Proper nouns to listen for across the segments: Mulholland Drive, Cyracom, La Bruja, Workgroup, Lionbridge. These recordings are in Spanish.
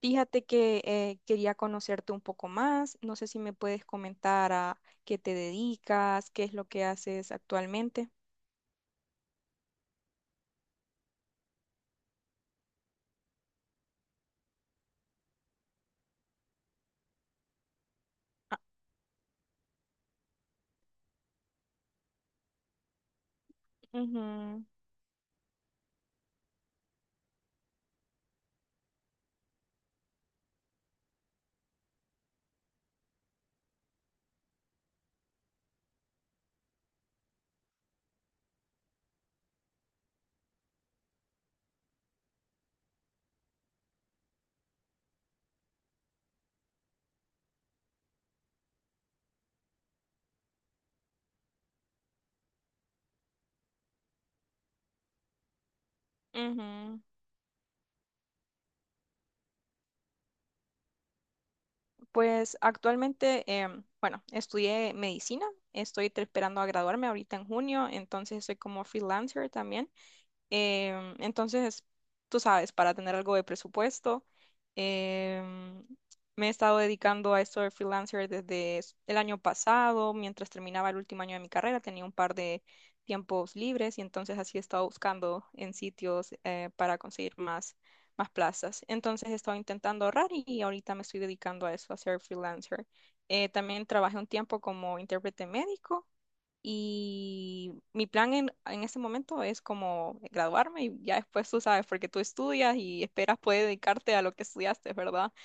Fíjate que quería conocerte un poco más. No sé si me puedes comentar a qué te dedicas, qué es lo que haces actualmente. Ujú, ujú. Pues actualmente, bueno, estudié medicina, esperando a graduarme ahorita en junio, entonces soy como freelancer también. Entonces, tú sabes, para tener algo de presupuesto, em, me he estado dedicando a esto de freelancer desde el año pasado, mientras terminaba el último año de mi carrera, tenía un par de tiempos libres y entonces así he estado buscando en sitios para conseguir más, más plazas. Entonces he estado intentando ahorrar y ahorita me estoy dedicando a eso, a ser freelancer. También trabajé un tiempo como intérprete médico y mi plan en este momento es como graduarme y ya después tú sabes, porque tú estudias y esperas poder dedicarte a lo que estudiaste, ¿verdad?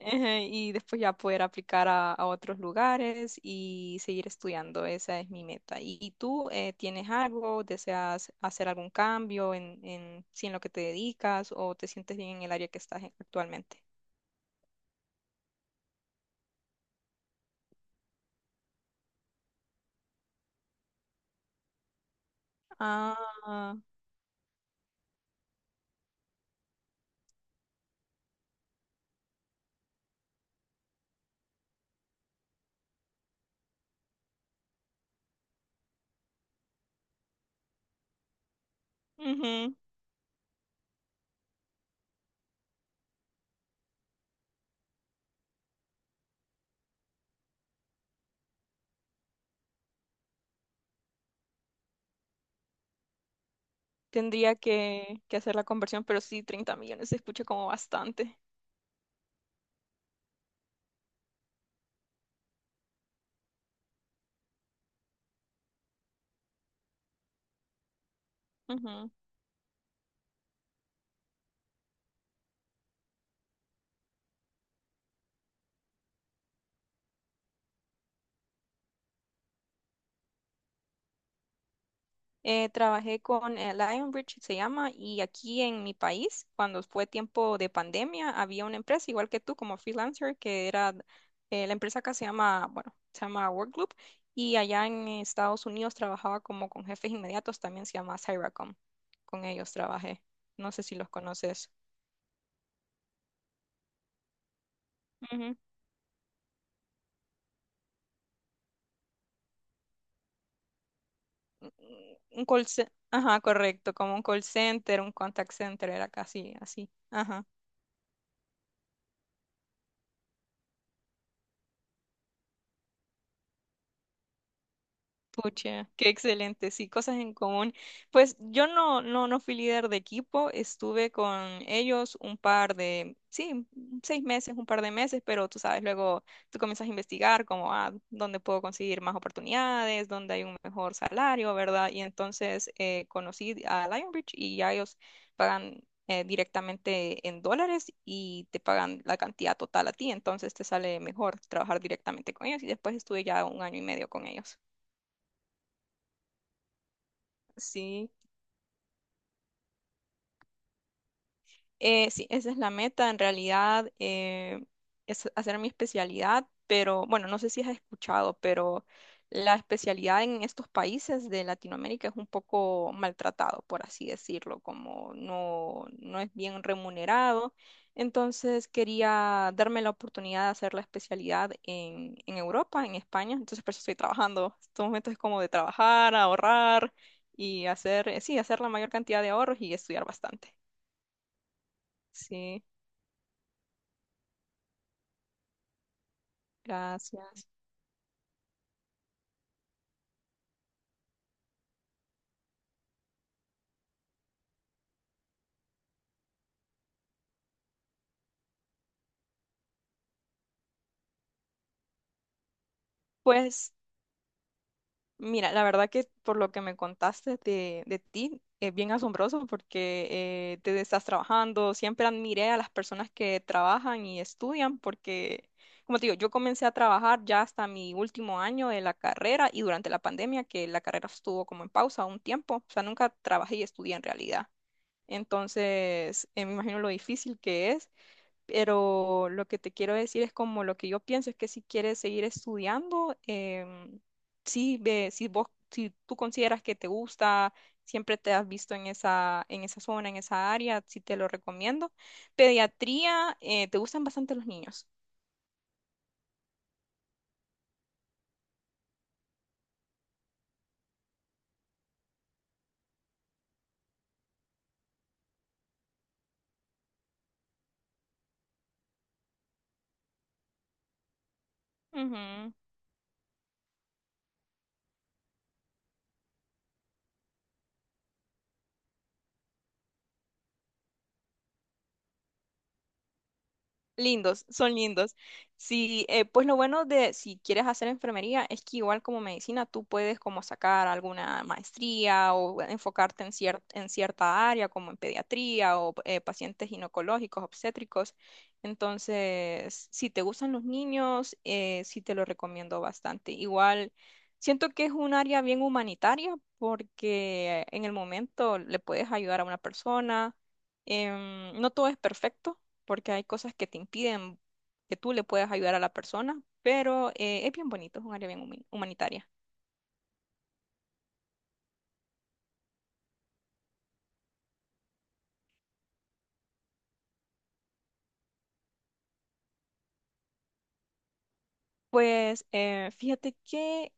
Ejé. Y después ya poder aplicar a otros lugares y seguir estudiando. Esa es mi meta. Y tú tienes algo? ¿Deseas hacer algún cambio si en lo que te dedicas o te sientes bien en el área que estás actualmente? Ah, ujú. Tendría que hacer la conversión, pero sí, 30 millones se escucha como bastante. Ujú. Trabajé con Lionbridge, se llama, y aquí en mi país, cuando fue tiempo de pandemia, había una empresa, igual que tú, como freelancer, que era, la empresa acá se llama, bueno, se llama Workgroup, y allá en Estados Unidos trabajaba como con jefes inmediatos, también se llama Cyracom, con ellos trabajé, no sé si los conoces. Ujú. Un un ajá, correcto, como un call center, un contact center, era casi así, ajá. Pucha, qué excelente, sí, cosas en común. Pues yo no fui líder de equipo, estuve con ellos un par de, sí, 6 meses, un par de meses, pero tú sabes, luego tú comienzas a investigar como, ah, dónde puedo conseguir más oportunidades, dónde hay un mejor salario, ¿verdad? Y entonces conocí a Lionbridge y ya ellos pagan directamente en dólares y te pagan la cantidad total a ti, entonces te sale mejor trabajar directamente con ellos y después estuve ya un año y medio con ellos. Sí, sí, esa es la meta en realidad, es hacer mi especialidad, pero bueno, no sé si has escuchado, pero la especialidad en estos países de Latinoamérica es un poco maltratado, por así decirlo, como no, no es bien remunerado. Entonces quería darme la oportunidad de hacer la especialidad en Europa, en España, entonces por eso estoy trabajando. Estos momentos es como de trabajar, ahorrar y hacer, sí, hacer la mayor cantidad de ahorros y estudiar bastante. Sí, gracias. Pues mira, la verdad que por lo que me contaste de ti es bien asombroso porque te estás trabajando. Siempre admiré a las personas que trabajan y estudian porque, como te digo, yo comencé a trabajar ya hasta mi último año de la carrera y durante la pandemia, que la carrera estuvo como en pausa un tiempo. O sea, nunca trabajé y estudié en realidad. Entonces, me imagino lo difícil que es. Pero lo que te quiero decir es como lo que yo pienso es que si quieres seguir estudiando, sí, si vos, si tú consideras que te gusta, siempre te has visto en esa zona, en esa área, sí te lo recomiendo. Pediatría, te gustan bastante los niños. Ujú. Lindos, son lindos. Sí, pues lo bueno de si quieres hacer enfermería es que igual como medicina tú puedes como sacar alguna maestría o enfocarte en cierta área como en pediatría o pacientes ginecológicos, obstétricos. Entonces, si te gustan los niños, sí te lo recomiendo bastante. Igual siento que es un área bien humanitaria porque en el momento le puedes ayudar a una persona. No todo es perfecto porque hay cosas que te impiden que tú le puedas ayudar a la persona, pero es bien bonito, es un área bien humanitaria. Pues fíjate que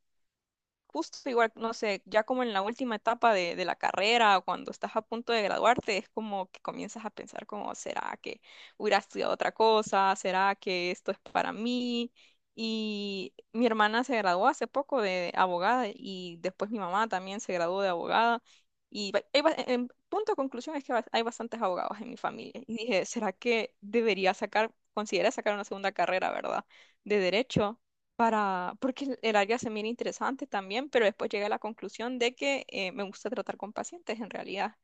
justo igual, no sé, ya como en la última etapa de la carrera, o cuando estás a punto de graduarte, es como que comienzas a pensar como, ¿será que hubiera estudiado otra cosa? ¿Será que esto es para mí? Y mi hermana se graduó hace poco de abogada y después mi mamá también se graduó de abogada. Y en punto de conclusión es que hay bastantes abogados en mi familia. Y dije, ¿será que debería sacar, considera sacar una segunda carrera, ¿verdad? De derecho para, porque el área se mira interesante también, pero después llegué a la conclusión de que me gusta tratar con pacientes, en realidad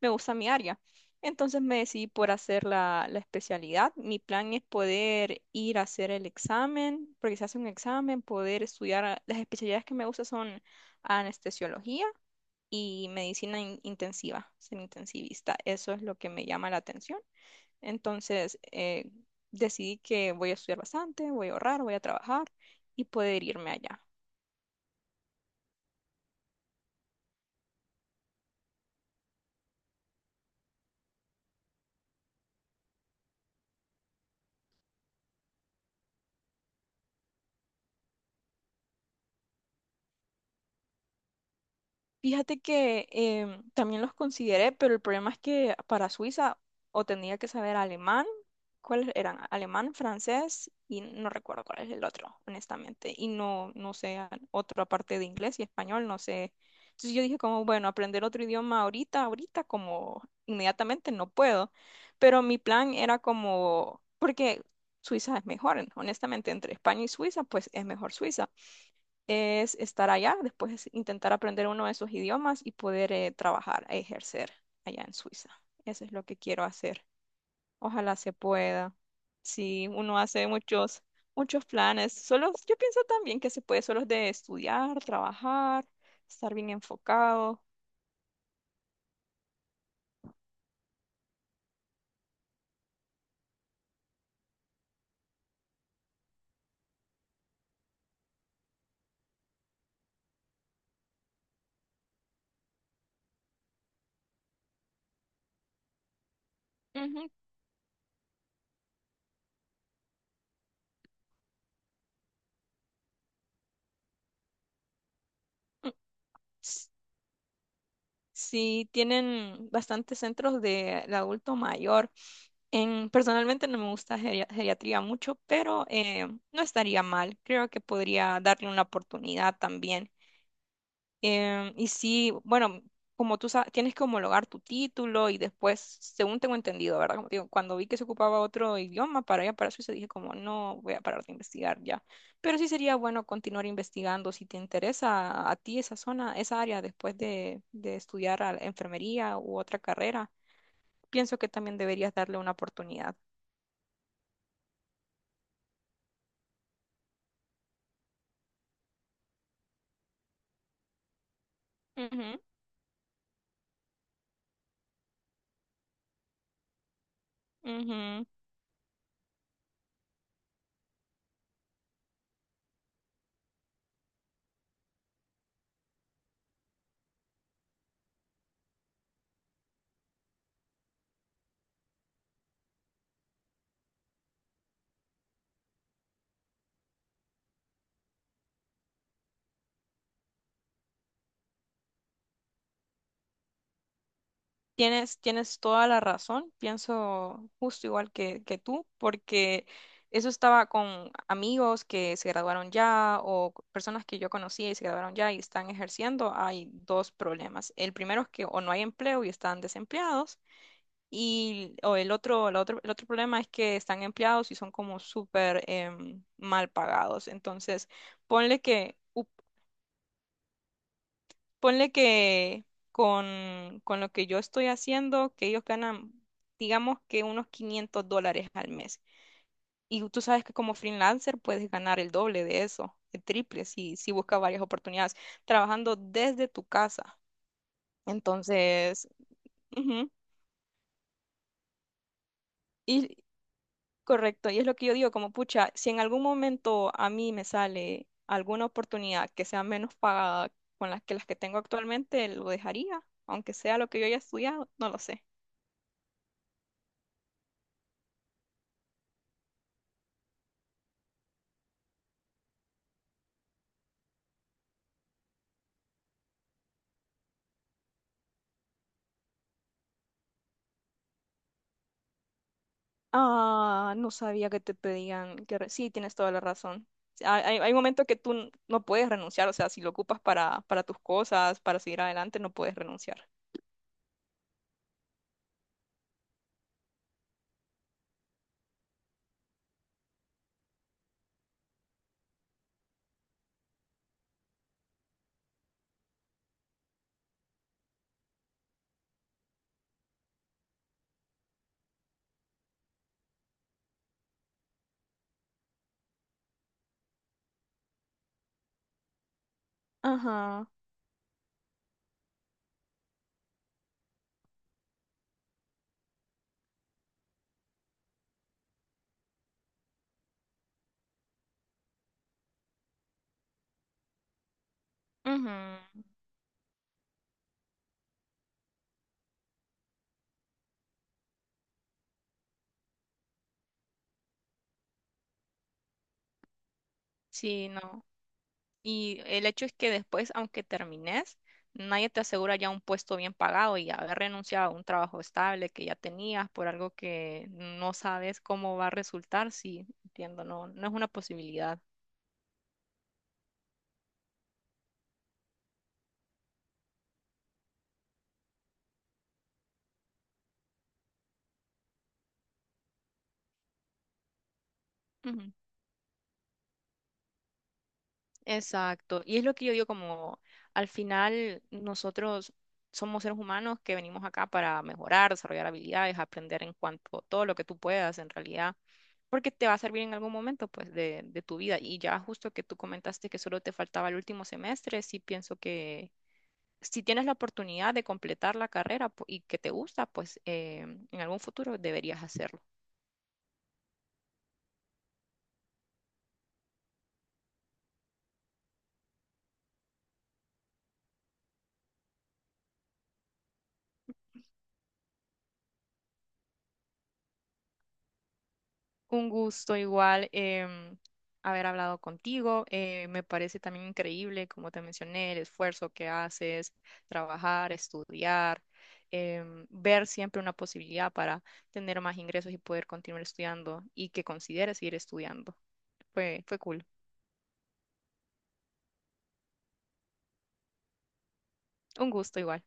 me gusta mi área. Entonces me decidí por hacer la especialidad. Mi plan es poder ir a hacer el examen, porque se hace un examen, poder estudiar. Las especialidades que me gustan son anestesiología y medicina intensiva, ser intensivista. Eso es lo que me llama la atención. Entonces, decidí que voy a estudiar bastante, voy a ahorrar, voy a trabajar y poder irme allá. Fíjate que también los consideré, pero el problema es que para Suiza o tenía que saber alemán, ¿cuáles eran? Alemán, francés y no recuerdo cuál es el otro, honestamente. Y no, otra parte de inglés y español, no sé. Entonces yo dije como, bueno, aprender otro idioma ahorita, ahorita, como inmediatamente no puedo. Pero mi plan era como, porque Suiza es mejor, honestamente, entre España y Suiza, pues es mejor Suiza es estar allá, después es intentar aprender uno de esos idiomas y poder trabajar e ejercer allá en Suiza. Eso es lo que quiero hacer. Ojalá se pueda. Si uno hace muchos, muchos planes. Solo, yo pienso también que se puede solo de estudiar, trabajar, estar bien enfocado. Ujú. Mm, S- Sí, tienen bastantes centros de adulto mayor. En, personalmente no me gusta geriatría mucho, pero no estaría mal. Creo que podría darle una oportunidad también. Y sí, bueno, como tú sabes, tienes que homologar tu título y después, según tengo entendido, ¿verdad? Como te digo, cuando vi que se ocupaba otro idioma para allá, para Suiza, dije como, no, voy a parar de investigar ya. Pero sí sería bueno continuar investigando si te interesa a ti esa zona, esa área, después de estudiar a la enfermería u otra carrera. Pienso que también deberías darle una oportunidad. Ujú, ujú. Tienes, tienes toda la razón, pienso justo igual que tú, porque eso estaba con amigos que se graduaron ya o personas que yo conocía y se graduaron ya y están ejerciendo. Hay dos problemas. El primero es que o no hay empleo y están desempleados y o el otro problema es que están empleados y son como súper mal pagados. Entonces, ponle que... Ponle que con lo que yo estoy haciendo, que ellos ganan, digamos que unos $500 al mes. Y tú sabes que como freelancer puedes ganar el doble de eso, el triple, si buscas varias oportunidades, trabajando desde tu casa. Entonces, ujú. Y correcto, y es lo que yo digo, como pucha, si en algún momento a mí me sale alguna oportunidad que sea menos pagada con las que tengo actualmente, lo dejaría, aunque sea lo que yo haya estudiado, no lo sé. Ah, no sabía que te pedían que... Sí, tienes toda la razón. Hay momentos que no puedes renunciar, o sea, si lo ocupas para tus cosas, para seguir adelante, no puedes renunciar. Ajá. Ujú. Sí, no. Y el hecho es que después, aunque termines, nadie te asegura ya un puesto bien pagado y haber renunciado a un trabajo estable que ya tenías por algo que no sabes cómo va a resultar, sí, entiendo, no, no es una posibilidad. Exacto. Y es lo que yo digo como al final nosotros somos seres humanos que venimos acá para mejorar, desarrollar habilidades, aprender en cuanto todo lo que tú puedas en realidad, porque te va a servir en algún momento pues de tu vida. Y ya justo que tú comentaste que solo te faltaba el último semestre, sí pienso que si tienes la oportunidad de completar la carrera y que te gusta, pues en algún futuro deberías hacerlo. Un gusto igual haber hablado contigo. Me parece también increíble, como te mencioné, el esfuerzo que haces, trabajar, estudiar, ver siempre una posibilidad para tener más ingresos y poder continuar estudiando y que consideres seguir estudiando. Fue, fue cool. Un gusto igual.